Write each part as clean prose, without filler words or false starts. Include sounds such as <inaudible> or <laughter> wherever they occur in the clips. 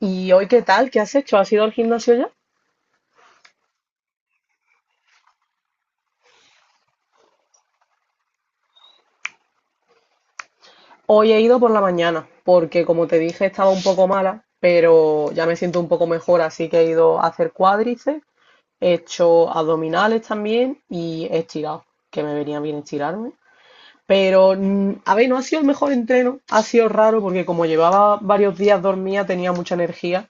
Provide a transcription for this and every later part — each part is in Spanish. ¿Y hoy qué tal? ¿Qué has hecho? ¿Has ido al gimnasio ya? Hoy he ido por la mañana, porque como te dije estaba un poco mala, pero ya me siento un poco mejor, así que he ido a hacer cuádriceps, he hecho abdominales también y he estirado, que me venía bien estirarme. Pero, a ver, no ha sido el mejor entreno, ha sido raro porque como llevaba varios días dormida tenía mucha energía,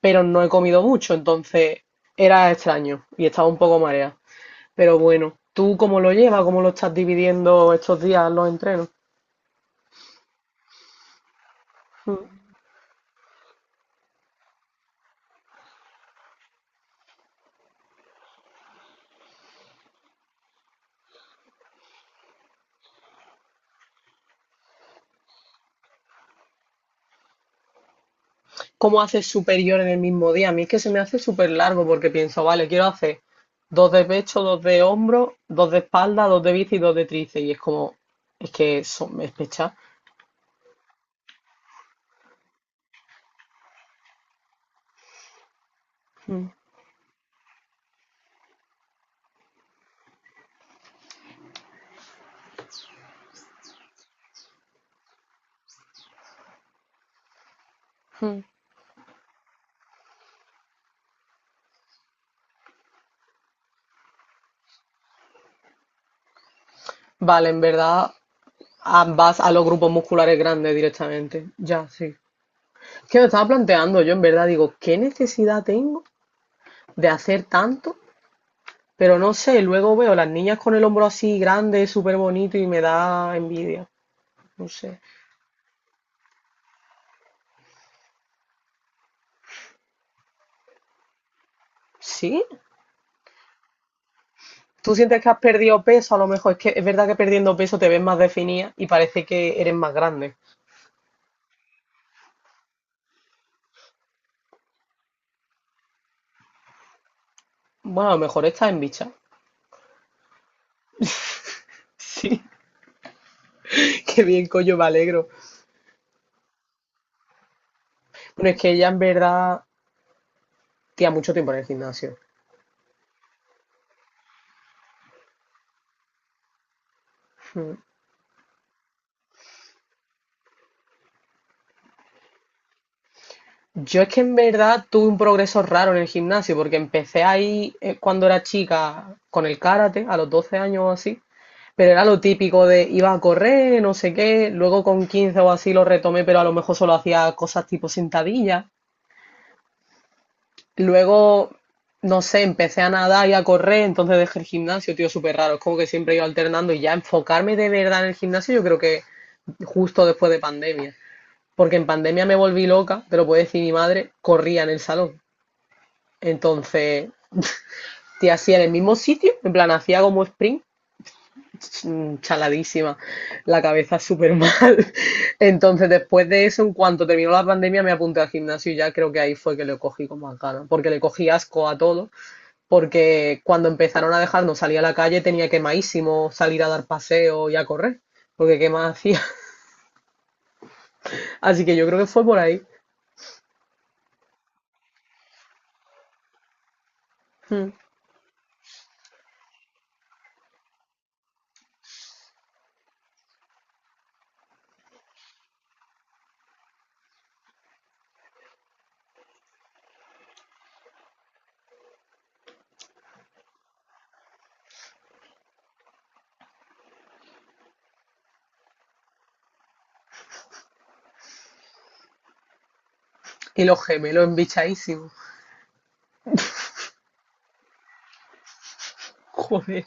pero no he comido mucho, entonces era extraño y estaba un poco mareada. Pero bueno, ¿tú cómo lo llevas? ¿Cómo lo estás dividiendo estos días los entrenos? Mm. ¿Cómo haces superior en el mismo día? A mí es que se me hace súper largo porque pienso, vale, quiero hacer dos de pecho, dos de hombro, dos de espalda, dos de bici y dos de tríceps. Y es como, es pecha. Mm. Mm. Vale, en verdad ah, vas a los grupos musculares grandes directamente. Ya, sí. Es que me estaba planteando, yo en verdad digo, ¿qué necesidad tengo de hacer tanto? Pero no sé, luego veo las niñas con el hombro así grande, súper bonito y me da envidia. No sé. ¿Sí? ¿Tú sientes que has perdido peso? A lo mejor es que es verdad que perdiendo peso te ves más definida y parece que eres más grande. Bueno, a lo mejor estás en bicha. Sí, <laughs> qué bien, coño, me alegro. Bueno, es que ella en verdad tía mucho tiempo en el gimnasio. Mm. Yo es que en verdad tuve un progreso raro en el gimnasio, porque empecé ahí cuando era chica con el karate, a los 12 años o así, pero era lo típico de iba a correr, no sé qué, luego con 15 o así lo retomé, pero a lo mejor solo hacía cosas tipo sentadillas. Luego, no sé, empecé a nadar y a correr, entonces dejé el gimnasio, tío, súper raro, es como que siempre iba alternando y ya enfocarme de verdad en el gimnasio yo creo que justo después de pandemia, porque en pandemia me volví loca, te lo puede decir mi madre, corría en el salón. Entonces, te hacía en el mismo sitio, en plan, hacía como sprint, chaladísima, la cabeza súper mal. <laughs> Entonces, después de eso, en cuanto terminó la pandemia, me apunté al gimnasio y ya creo que ahí fue que le cogí con más ganas, porque le cogí asco a todo, porque cuando empezaron a dejarnos salir a la calle tenía quemadísimo salir a dar paseo y a correr, porque qué más hacía. <laughs> Así que yo creo que fue por ahí. Mm. Y los gemelos embichadísimos. <laughs> Joder.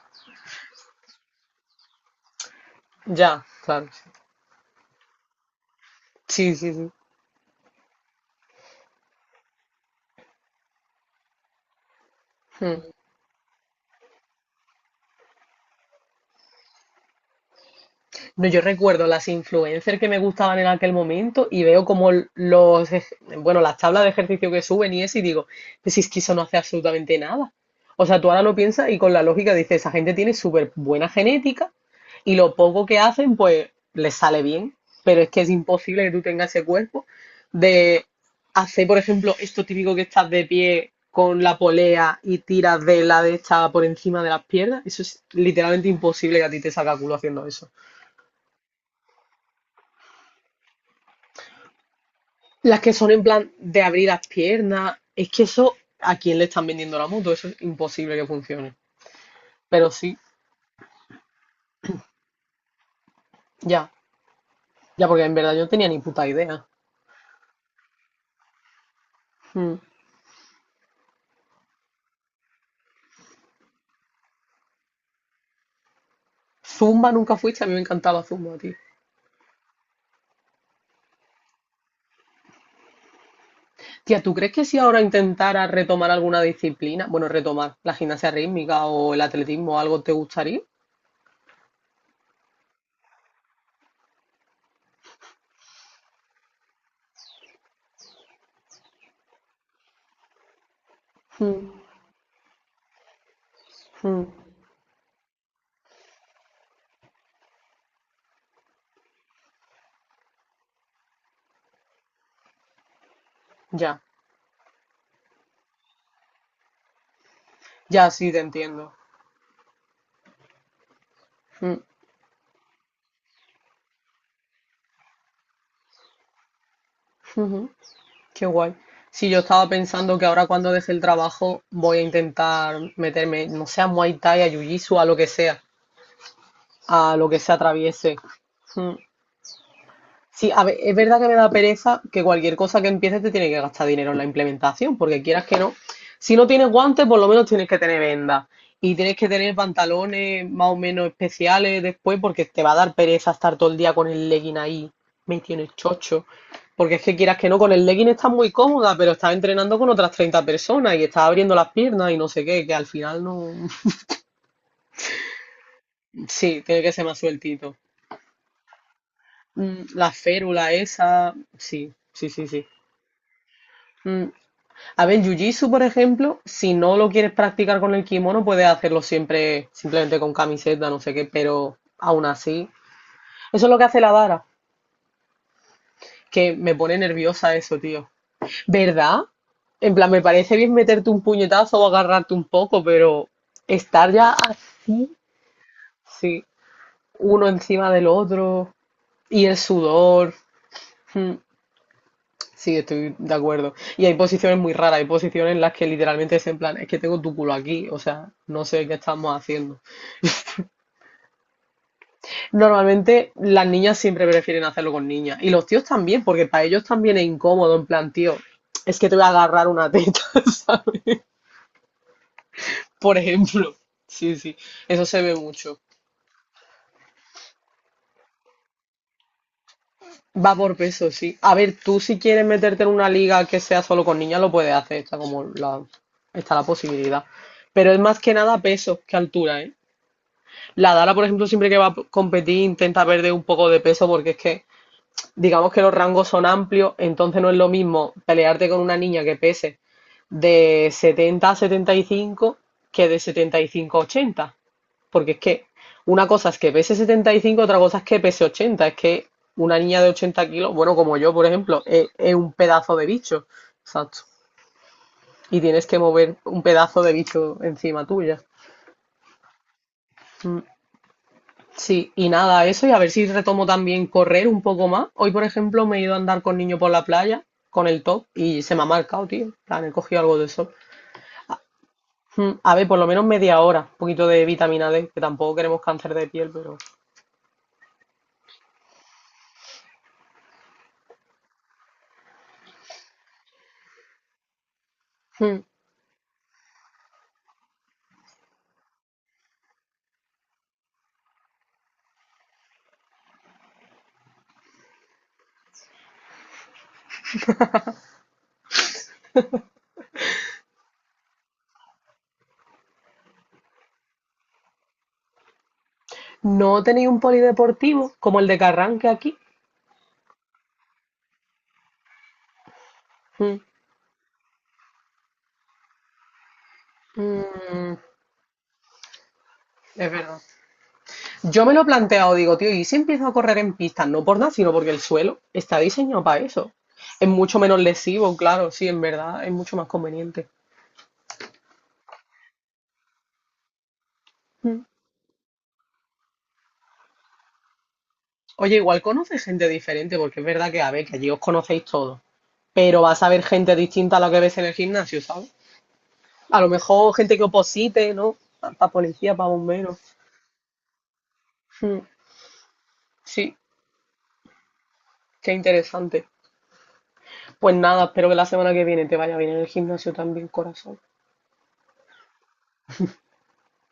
Ya, claro. Sí, sí, sí, sí. Mm. No, yo recuerdo las influencers que me gustaban en aquel momento y veo como los, bueno, las tablas de ejercicio que suben y eso y digo, pues si es que eso no hace absolutamente nada. O sea, tú ahora lo piensas y con la lógica dices, esa gente tiene súper buena genética y lo poco que hacen, pues les sale bien. Pero es que es imposible que tú tengas ese cuerpo de hacer, por ejemplo, esto típico que estás de pie con la polea y tiras de la de esta por encima de las piernas. Eso es literalmente imposible que a ti te salga culo haciendo eso. Las que son en plan de abrir las piernas, es que eso, ¿a quién le están vendiendo la moto? Eso es imposible que funcione. Pero sí, ya, ya, porque en verdad yo no tenía ni puta idea. Mm. Zumba nunca fuiste, a mí me encantaba Zumba, tío. Tía, ¿tú crees que si ahora intentara retomar alguna disciplina, bueno, retomar la gimnasia rítmica o el atletismo o algo, te gustaría? Mm, mm, ya, ya, sí, te entiendo. Mm, ujú. Qué guay. Sí, yo estaba pensando que ahora cuando deje el trabajo voy a intentar meterme, no sé a Muay Thai, a Jiu-Jitsu, a lo que sea, a lo que se atraviese. Mm. Sí, a ver, es verdad que me da pereza que cualquier cosa que empieces te tiene que gastar dinero en la implementación, porque quieras que no. Si no tienes guantes, por lo menos tienes que tener vendas y tienes que tener pantalones más o menos especiales después, porque te va a dar pereza estar todo el día con el legging ahí metido en el chocho. Porque es que quieras que no, con el legging estás muy cómoda, pero estás entrenando con otras 30 personas y estás abriendo las piernas y no sé qué, que al final no. <laughs> Sí, tiene que ser más sueltito. Mm, la férula esa, sí, sí, sí, sí. Mm, a ver, jiu-jitsu, por ejemplo, si no lo quieres practicar con el kimono, puedes hacerlo siempre simplemente con camiseta, no sé qué, pero aún así. Eso es lo que hace la Dara, que me pone nerviosa eso, tío. ¿Verdad? En plan, me parece bien meterte un puñetazo o agarrarte un poco, pero estar ya así, sí, uno encima del otro y el sudor. Mm. Sí, estoy de acuerdo. Y hay posiciones muy raras, hay posiciones en las que literalmente es en plan, es que tengo tu culo aquí, o sea, no sé qué estamos haciendo. Normalmente las niñas siempre prefieren hacerlo con niñas, y los tíos también, porque para ellos también es incómodo, en plan, tío, es que te voy a agarrar una teta, <laughs> ¿sabes? Por ejemplo. Sí, sí, eso se ve mucho. Va por peso, sí. A ver, tú si quieres meterte en una liga que sea solo con niñas, lo puedes hacer, está como la, está la posibilidad. Pero es más que nada peso que altura, ¿eh? La Dala, por ejemplo, siempre que va a competir intenta perder un poco de peso porque es que digamos que los rangos son amplios, entonces no es lo mismo pelearte con una niña que pese de 70 a 75 que de 75 a 80. Porque es que una cosa es que pese 75, otra cosa es que pese 80. Es que una niña de 80 kilos, bueno, como yo, por ejemplo, es un pedazo de bicho. Exacto. Y tienes que mover un pedazo de bicho encima tuya. Mm. Sí, y nada, eso, y a ver si retomo también correr un poco más. Hoy, por ejemplo, me he ido a andar con niño por la playa, con el top, y se me ha marcado, tío. En plan, he cogido algo de sol. Mm, a ver, por lo menos media hora, un poquito de vitamina D, que tampoco queremos cáncer de piel, pero... Mm. ¿No tenéis un polideportivo como el de Carranque aquí? Mm, mm, es verdad. Yo me lo he planteado, digo, tío, ¿y si empiezo a correr en pistas? No por nada, sino porque el suelo está diseñado para eso. Es mucho menos lesivo, claro, sí, en verdad, es mucho más conveniente. Mm. Oye, igual conoces gente diferente, porque es verdad que, a ver, que allí os conocéis todos, pero vas a ver gente distinta a la que ves en el gimnasio, ¿sabes? A lo mejor gente que oposite, ¿no? Para policía, para bomberos. Mm. Sí, qué interesante. Pues nada, espero que la semana que viene te vaya bien en el gimnasio también, corazón.